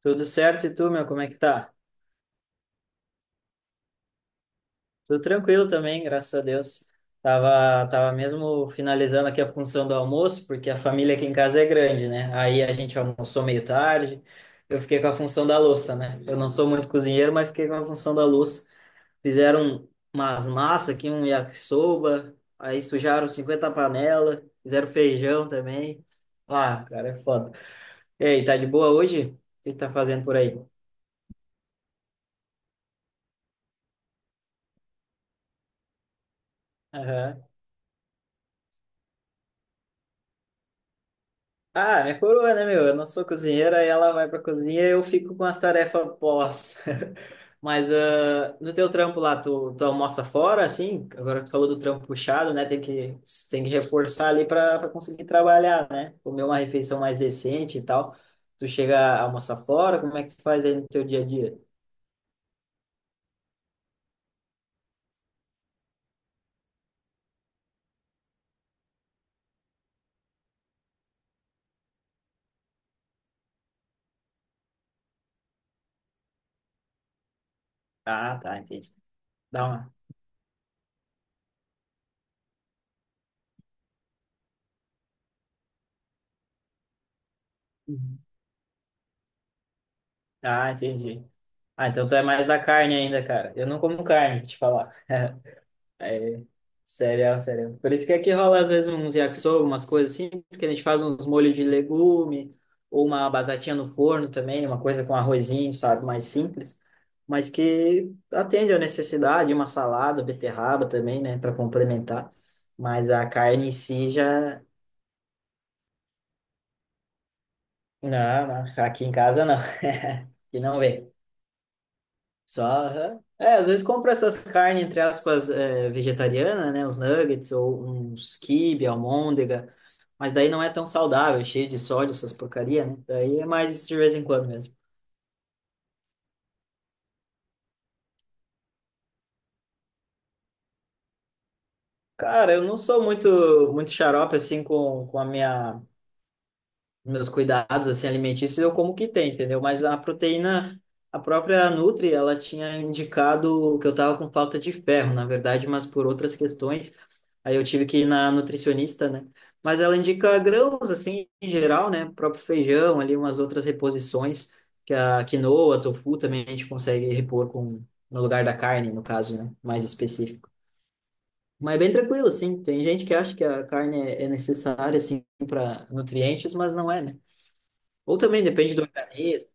Tudo certo, e tu, meu, como é que tá? Tudo tranquilo também, graças a Deus. Tava mesmo finalizando aqui a função do almoço, porque a família aqui em casa é grande, né? Aí a gente almoçou meio tarde, eu fiquei com a função da louça, né? Eu não sou muito cozinheiro, mas fiquei com a função da louça. Fizeram umas massas aqui, um yakisoba, aí sujaram 50 panelas, fizeram feijão também. Ah, cara, é foda. E aí, tá de boa hoje? O que que tá fazendo por aí? Ah, minha coroa, né, meu? Eu não sou cozinheira, e ela vai pra cozinha e eu fico com as tarefas pós. Mas no teu trampo lá, tu almoça fora, assim? Agora tu falou do trampo puxado, né? Tem que reforçar ali pra conseguir trabalhar, né? Comer uma refeição mais decente e tal. Tu chega a almoçar fora, como é que tu faz aí no teu dia a dia? Ah, tá, entendi. Dá uma. Uhum. Ah, entendi. Ah, então tu é mais da carne ainda, cara. Eu não como carne, te falar. É, sério, sério. Por isso que aqui rola às vezes uns yakisoba, umas coisas assim, porque a gente faz uns molhos de legume, ou uma batatinha no forno também, uma coisa com arrozinho, sabe, mais simples, mas que atende à necessidade, uma salada, beterraba também, né, para complementar. Mas a carne em si já. Não, não, aqui em casa não. E não vem. Só, aham. É, às vezes compra essas carnes, entre aspas, é, vegetariana, né? Os nuggets ou uns quibe, almôndega. Mas daí não é tão saudável, é cheio de sódio, essas porcaria, né? Daí é mais de vez em quando mesmo. Cara, eu não sou muito, muito xarope, assim, com a minha... meus cuidados assim alimentícios eu como o que tem, entendeu? Mas a proteína, a própria Nutri, ela tinha indicado que eu tava com falta de ferro, na verdade, mas por outras questões. Aí eu tive que ir na nutricionista, né? Mas ela indica grãos assim em geral, né? O próprio feijão, ali umas outras reposições que a quinoa, tofu também a gente consegue repor com no lugar da carne, no caso, né? Mais específico. Mas é bem tranquilo, assim. Tem gente que acha que a carne é necessária, assim, para nutrientes, mas não é, né? Ou também depende do organismo.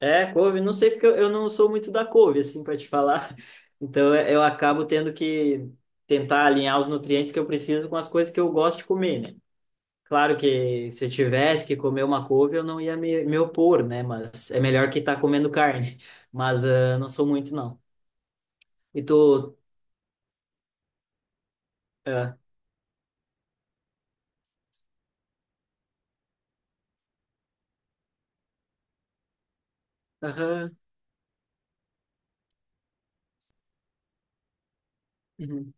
É, couve, não sei porque eu não sou muito da couve, assim, para te falar. Então eu acabo tendo que tentar alinhar os nutrientes que eu preciso com as coisas que eu gosto de comer, né? Claro que se eu tivesse que comer uma couve, eu não ia me opor, né? Mas é melhor que estar tá comendo carne. Mas não sou muito, não. E tu. ah, Aham. Uhum,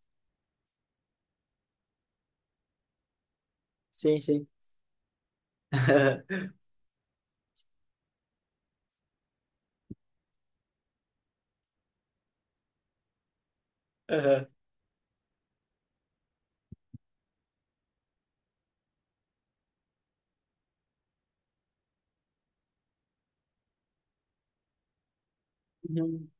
sim, sim. Aham. Uhum.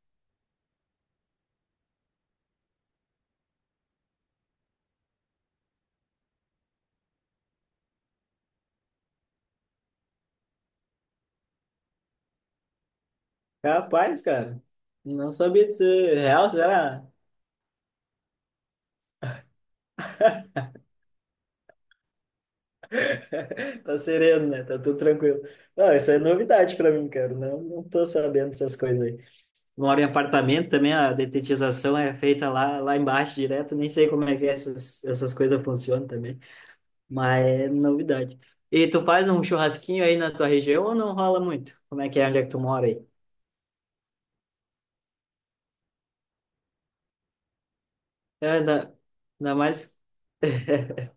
Capaz, cara. Não sabia disso. Real, será? Tá sereno, né? Tá tudo tranquilo. Não, isso é novidade pra mim, cara. Não, não tô sabendo essas coisas aí. Moro em apartamento também, a detetização é feita lá, lá embaixo direto. Nem sei como é que essas coisas funcionam também, mas é novidade. E tu faz um churrasquinho aí na tua região ou não rola muito? Como é que é? Onde é que tu mora aí? É, ainda, ainda mais,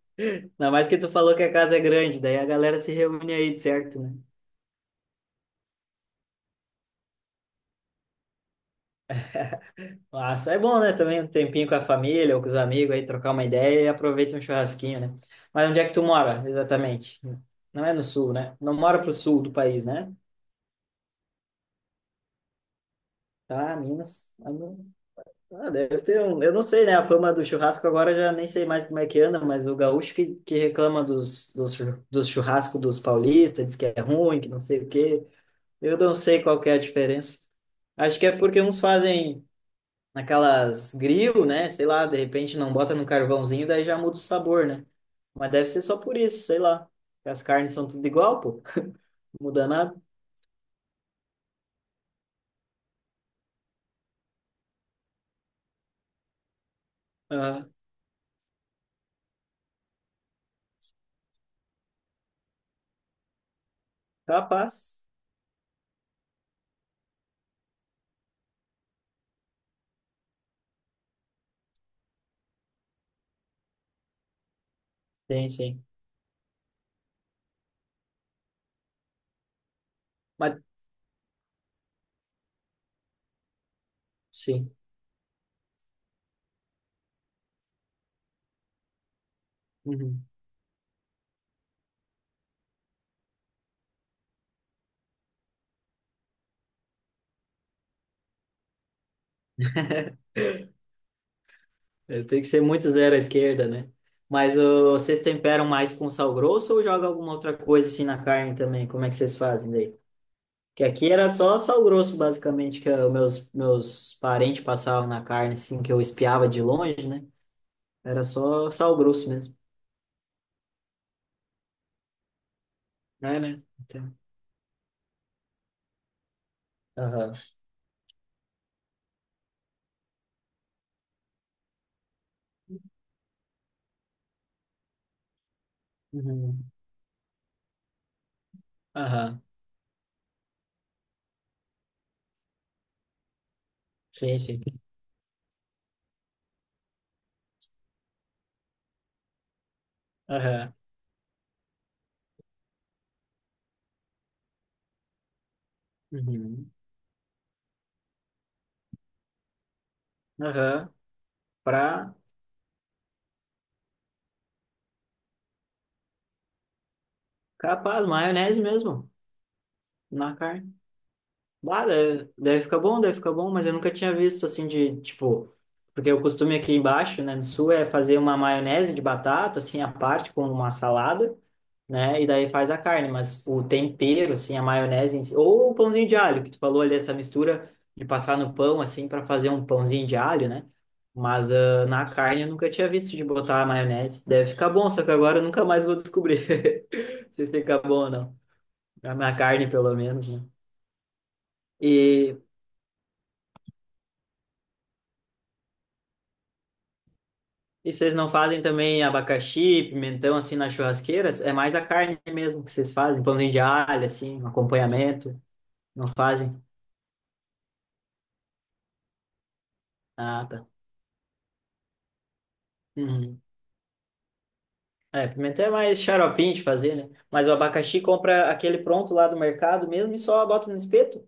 ainda mais que tu falou que a casa é grande, daí a galera se reúne aí, de certo, né? Massa, é bom, né? Também um tempinho com a família ou com os amigos aí, trocar uma ideia e aproveita um churrasquinho, né? Mas onde é que tu mora, exatamente? Não é no sul, né? Não mora pro sul do país, né? Tá, Minas. Ah, deve ter um... Eu não sei, né? A fama do churrasco agora eu já nem sei mais como é que anda, mas o gaúcho que reclama dos, dos, dos churrascos dos paulistas, diz que é ruim, que não sei o quê. Eu não sei qual que é a diferença. Acho que é porque uns fazem naquelas grill, né? Sei lá, de repente não bota no carvãozinho, daí já muda o sabor, né? Mas deve ser só por isso, sei lá. As carnes são tudo igual, pô. Não muda nada. Ah, capaz. Sim, sim. Mas, sim. Uhum. É, tem que ser muito zero à esquerda, né? Mas ô, vocês temperam mais com sal grosso ou joga alguma outra coisa assim na carne também? Como é que vocês fazem daí? Que aqui era só sal grosso, basicamente, que os meus parentes passavam na carne, assim, que eu espiava de longe, né? Era só sal grosso mesmo. É, né? Então, aham. Uhum, aham, sim, sim. Aham, uhum. Aham. Pra. Capaz, maionese mesmo. Na carne. Bah, deve, deve ficar bom, mas eu nunca tinha visto assim de, tipo, porque o costume aqui embaixo, né, no sul é fazer uma maionese de batata, assim, à parte, com uma salada, né, e daí faz a carne, mas o tempero, assim, a maionese, em si- ou o pãozinho de alho, que tu falou ali, essa mistura de passar no pão, assim, para fazer um pãozinho de alho, né, mas ah, na carne eu nunca tinha visto de botar a maionese, deve ficar bom, só que agora eu nunca mais vou descobrir se fica bom ou não, na minha carne, pelo menos, né. E E vocês não fazem também abacaxi, pimentão assim nas churrasqueiras? É mais a carne mesmo que vocês fazem, um pãozinho de alho assim, um acompanhamento. Não fazem? Ah, tá. Uhum. É, pimentão é mais xaropinho de fazer, né? Mas o abacaxi compra aquele pronto lá do mercado mesmo e só bota no espeto.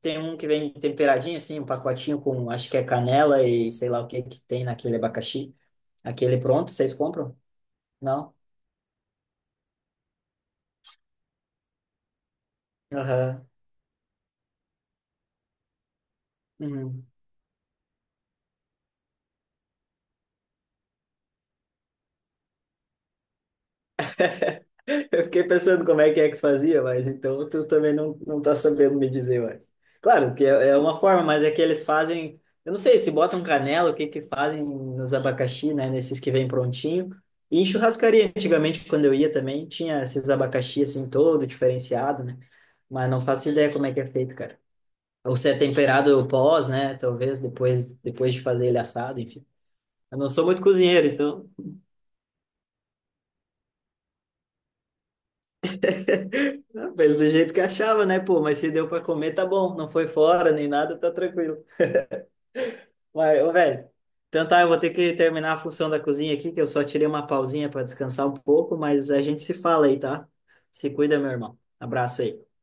Tem um que vem temperadinho assim, um pacotinho com acho que é canela e sei lá o que que tem naquele abacaxi. Aquele pronto, vocês compram? Não? Aham. Uhum. Eu fiquei pensando como é que fazia, mas então tu também não, não tá sabendo me dizer, eu acho. Claro que é, é uma forma, mas é que eles fazem, eu não sei, se botam canela, o que que fazem nos abacaxi, né, nesses que vêm prontinho. E em churrascaria, antigamente, quando eu ia também, tinha esses abacaxi assim todo diferenciado, né? Mas não faço ideia como é que é feito, cara. Ou se é temperado pós, né, talvez depois de fazer ele assado, enfim. Eu não sou muito cozinheiro, então não, fez do jeito que achava, né, pô? Mas se deu pra comer, tá bom. Não foi fora nem nada, tá tranquilo. Mas, ô, velho. Então tá, eu vou ter que terminar a função da cozinha aqui, que eu só tirei uma pausinha pra descansar um pouco, mas a gente se fala aí, tá? Se cuida, meu irmão. Abraço aí.